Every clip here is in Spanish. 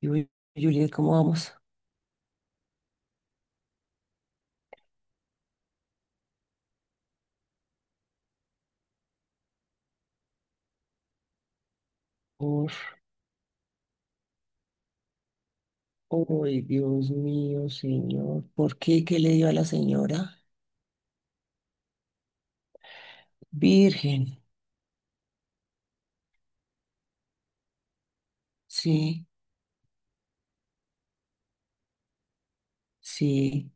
Y hoy, Juliet, ¿cómo vamos? Por, hoy, Dios mío, Señor, ¿por qué? ¿Qué le dio a la señora? Virgen, sí, sí.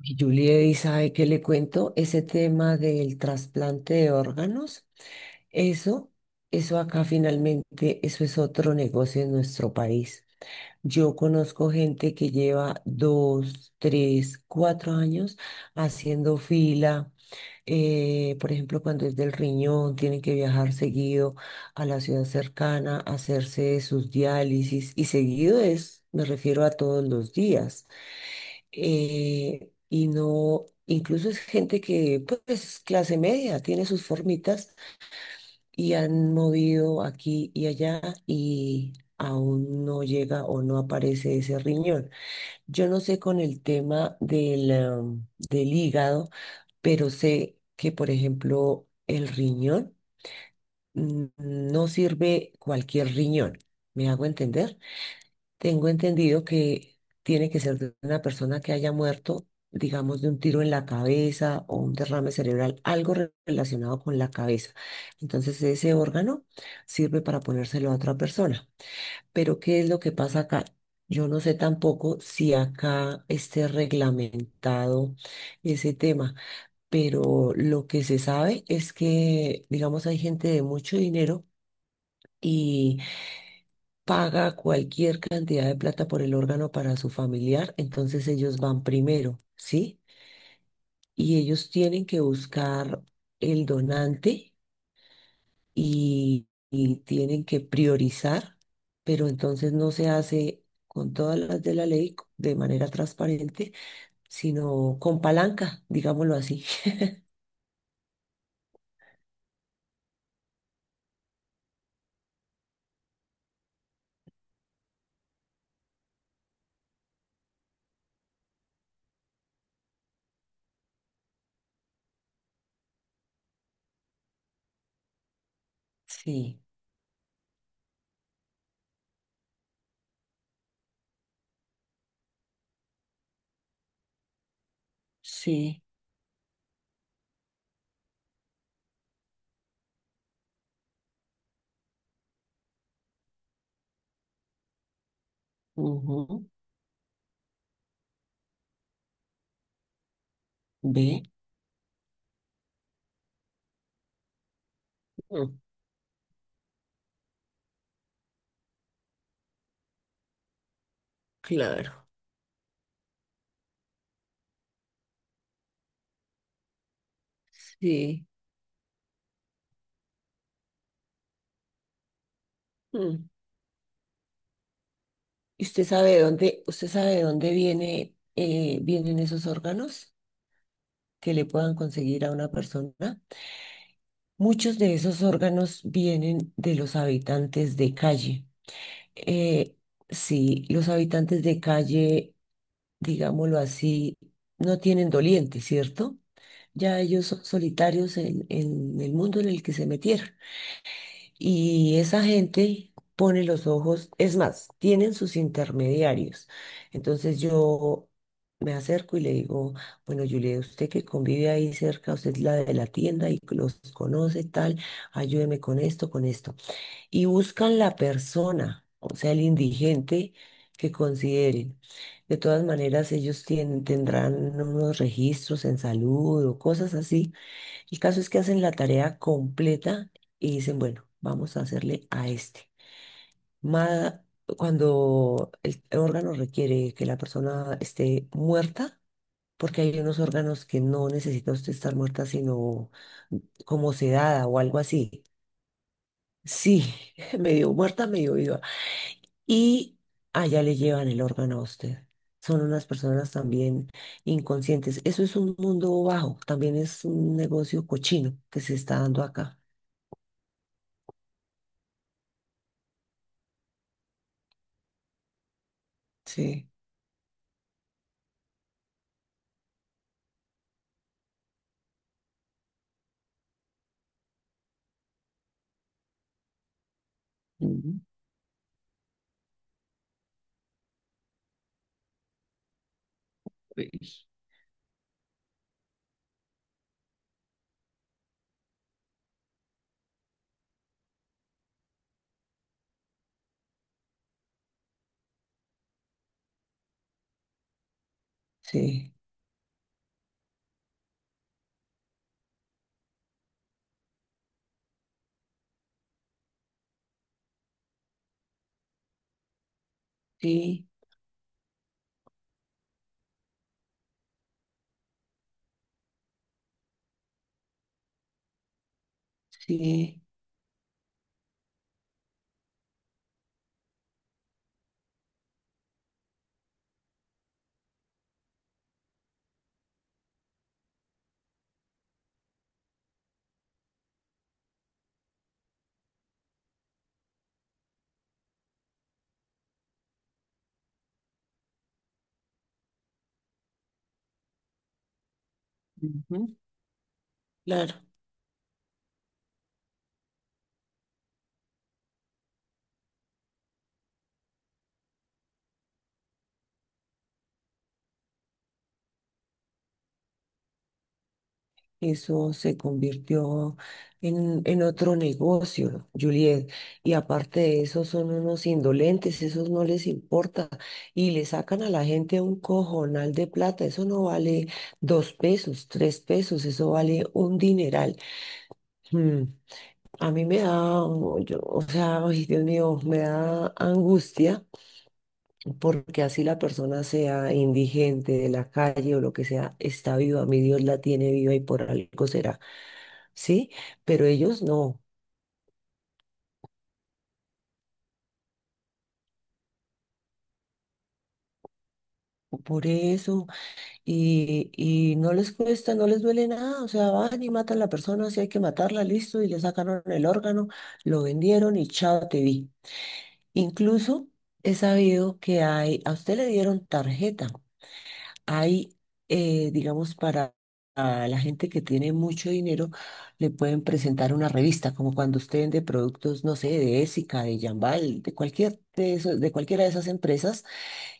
Y Juliet, ¿y sabe qué le cuento? Ese tema del trasplante de órganos, eso, eso acá finalmente, eso es otro negocio en nuestro país. Yo conozco gente que lleva dos, tres, cuatro años haciendo fila. Por ejemplo, cuando es del riñón, tienen que viajar seguido a la ciudad cercana, hacerse sus diálisis y seguido es, me refiero a todos los días. Y no, incluso es gente que pues es clase media, tiene sus formitas y han movido aquí y allá y aún no llega o no aparece ese riñón. Yo no sé con el tema del, del hígado, pero sé que, por ejemplo, el riñón mm, no sirve cualquier riñón. ¿Me hago entender? Tengo entendido que tiene que ser de una persona que haya muerto, digamos, de un tiro en la cabeza o un derrame cerebral, algo relacionado con la cabeza. Entonces, ese órgano sirve para ponérselo a otra persona. Pero, ¿qué es lo que pasa acá? Yo no sé tampoco si acá esté reglamentado ese tema, pero lo que se sabe es que, digamos, hay gente de mucho dinero. Y paga cualquier cantidad de plata por el órgano para su familiar, entonces ellos van primero, ¿sí? Y ellos tienen que buscar el donante y tienen que priorizar, pero entonces no se hace con todas las de la ley de manera transparente, sino con palanca, digámoslo así. Sí, sí, ujú, ve, mm, claro, sí. Mm. ¿Y usted sabe de dónde, usted sabe de dónde viene, vienen esos órganos que le puedan conseguir a una persona? Muchos de esos órganos vienen de los habitantes de calle. Eh, sí, los habitantes de calle, digámoslo así, no tienen doliente, ¿cierto? Ya ellos son solitarios en el mundo en el que se metieron. Y esa gente pone los ojos, es más, tienen sus intermediarios. Entonces yo me acerco y le digo, bueno, Julia, usted que convive ahí cerca, usted es la de la tienda y los conoce tal, ayúdeme con esto, con esto. Y buscan la persona, o sea, el indigente que consideren. De todas maneras, ellos tienen, tendrán unos registros en salud o cosas así. El caso es que hacen la tarea completa y dicen, bueno, vamos a hacerle a este. Ma- Cuando el órgano requiere que la persona esté muerta, porque hay unos órganos que no necesita usted estar muerta, sino como sedada o algo así. Sí, medio muerta, medio viva. Y allá le llevan el órgano a usted. Son unas personas también inconscientes. Eso es un mundo bajo, también es un negocio cochino que se está dando acá. Sí, mm, pues, sí, sí, sí. Ujú. Claro, eso se convirtió en otro negocio, Juliet. Y aparte de eso, son unos indolentes, esos no les importa. Y le sacan a la gente un cojonal de plata. Eso no vale dos pesos, tres pesos, eso vale un dineral. Mm, a mí me da, o sea, ay, Dios mío, me da angustia porque así la persona sea indigente de la calle o lo que sea, está viva, mi Dios la tiene viva y por algo será, ¿sí? Pero ellos no. Por eso, y no les cuesta, no les duele nada, o sea, van y matan a la persona, si hay que matarla, listo, y le sacaron el órgano, lo vendieron y chao, te vi. Incluso he sabido que hay, a usted le dieron tarjeta, hay, digamos, para a la gente que tiene mucho dinero, le pueden presentar una revista, como cuando usted vende productos, no sé, de Ésica, de Jambal, de cualquier de cualquiera de esas empresas,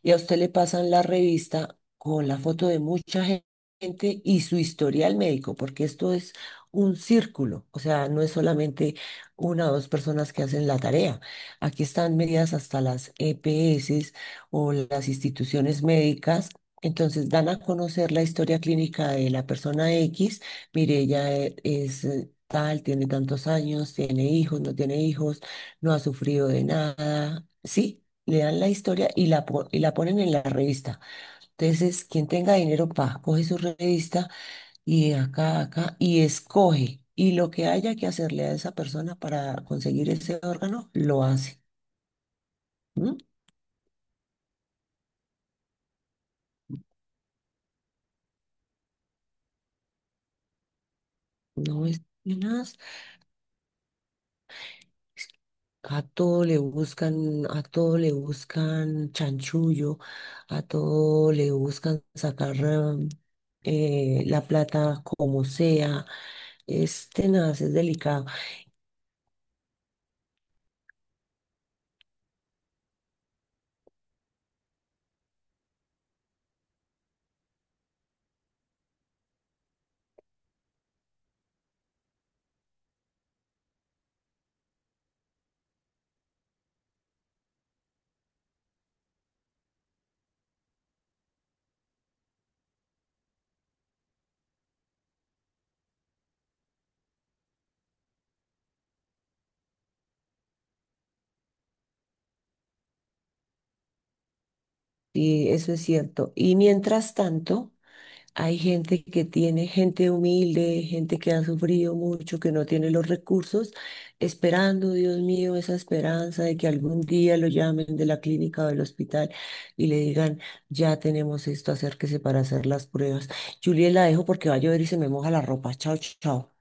y a usted le pasan la revista con la foto de mucha gente y su historial médico, porque esto es un círculo, o sea, no es solamente una o dos personas que hacen la tarea. Aquí están medidas hasta las EPS o las instituciones médicas. Entonces dan a conocer la historia clínica de la persona X. Mire, ella es tal, tiene tantos años, tiene hijos, no ha sufrido de nada. Sí, le dan la historia y la, y la ponen en la revista. Entonces, quien tenga dinero, pa, coge su revista y de acá, a acá, y escoge. Y lo que haya que hacerle a esa persona para conseguir ese órgano, lo hace. ¿Mm? No es tenaz. A todo le buscan, a todo le buscan chanchullo, a todo le buscan sacar la plata como sea. Es tenaz, es delicado. Sí, eso es cierto. Y mientras tanto, hay gente que tiene, gente humilde, gente que ha sufrido mucho, que no tiene los recursos, esperando, Dios mío, esa esperanza de que algún día lo llamen de la clínica o del hospital y le digan, ya tenemos esto, acérquese para hacer las pruebas. Juliet, la dejo porque va a llover y se me moja la ropa. Chao, chao.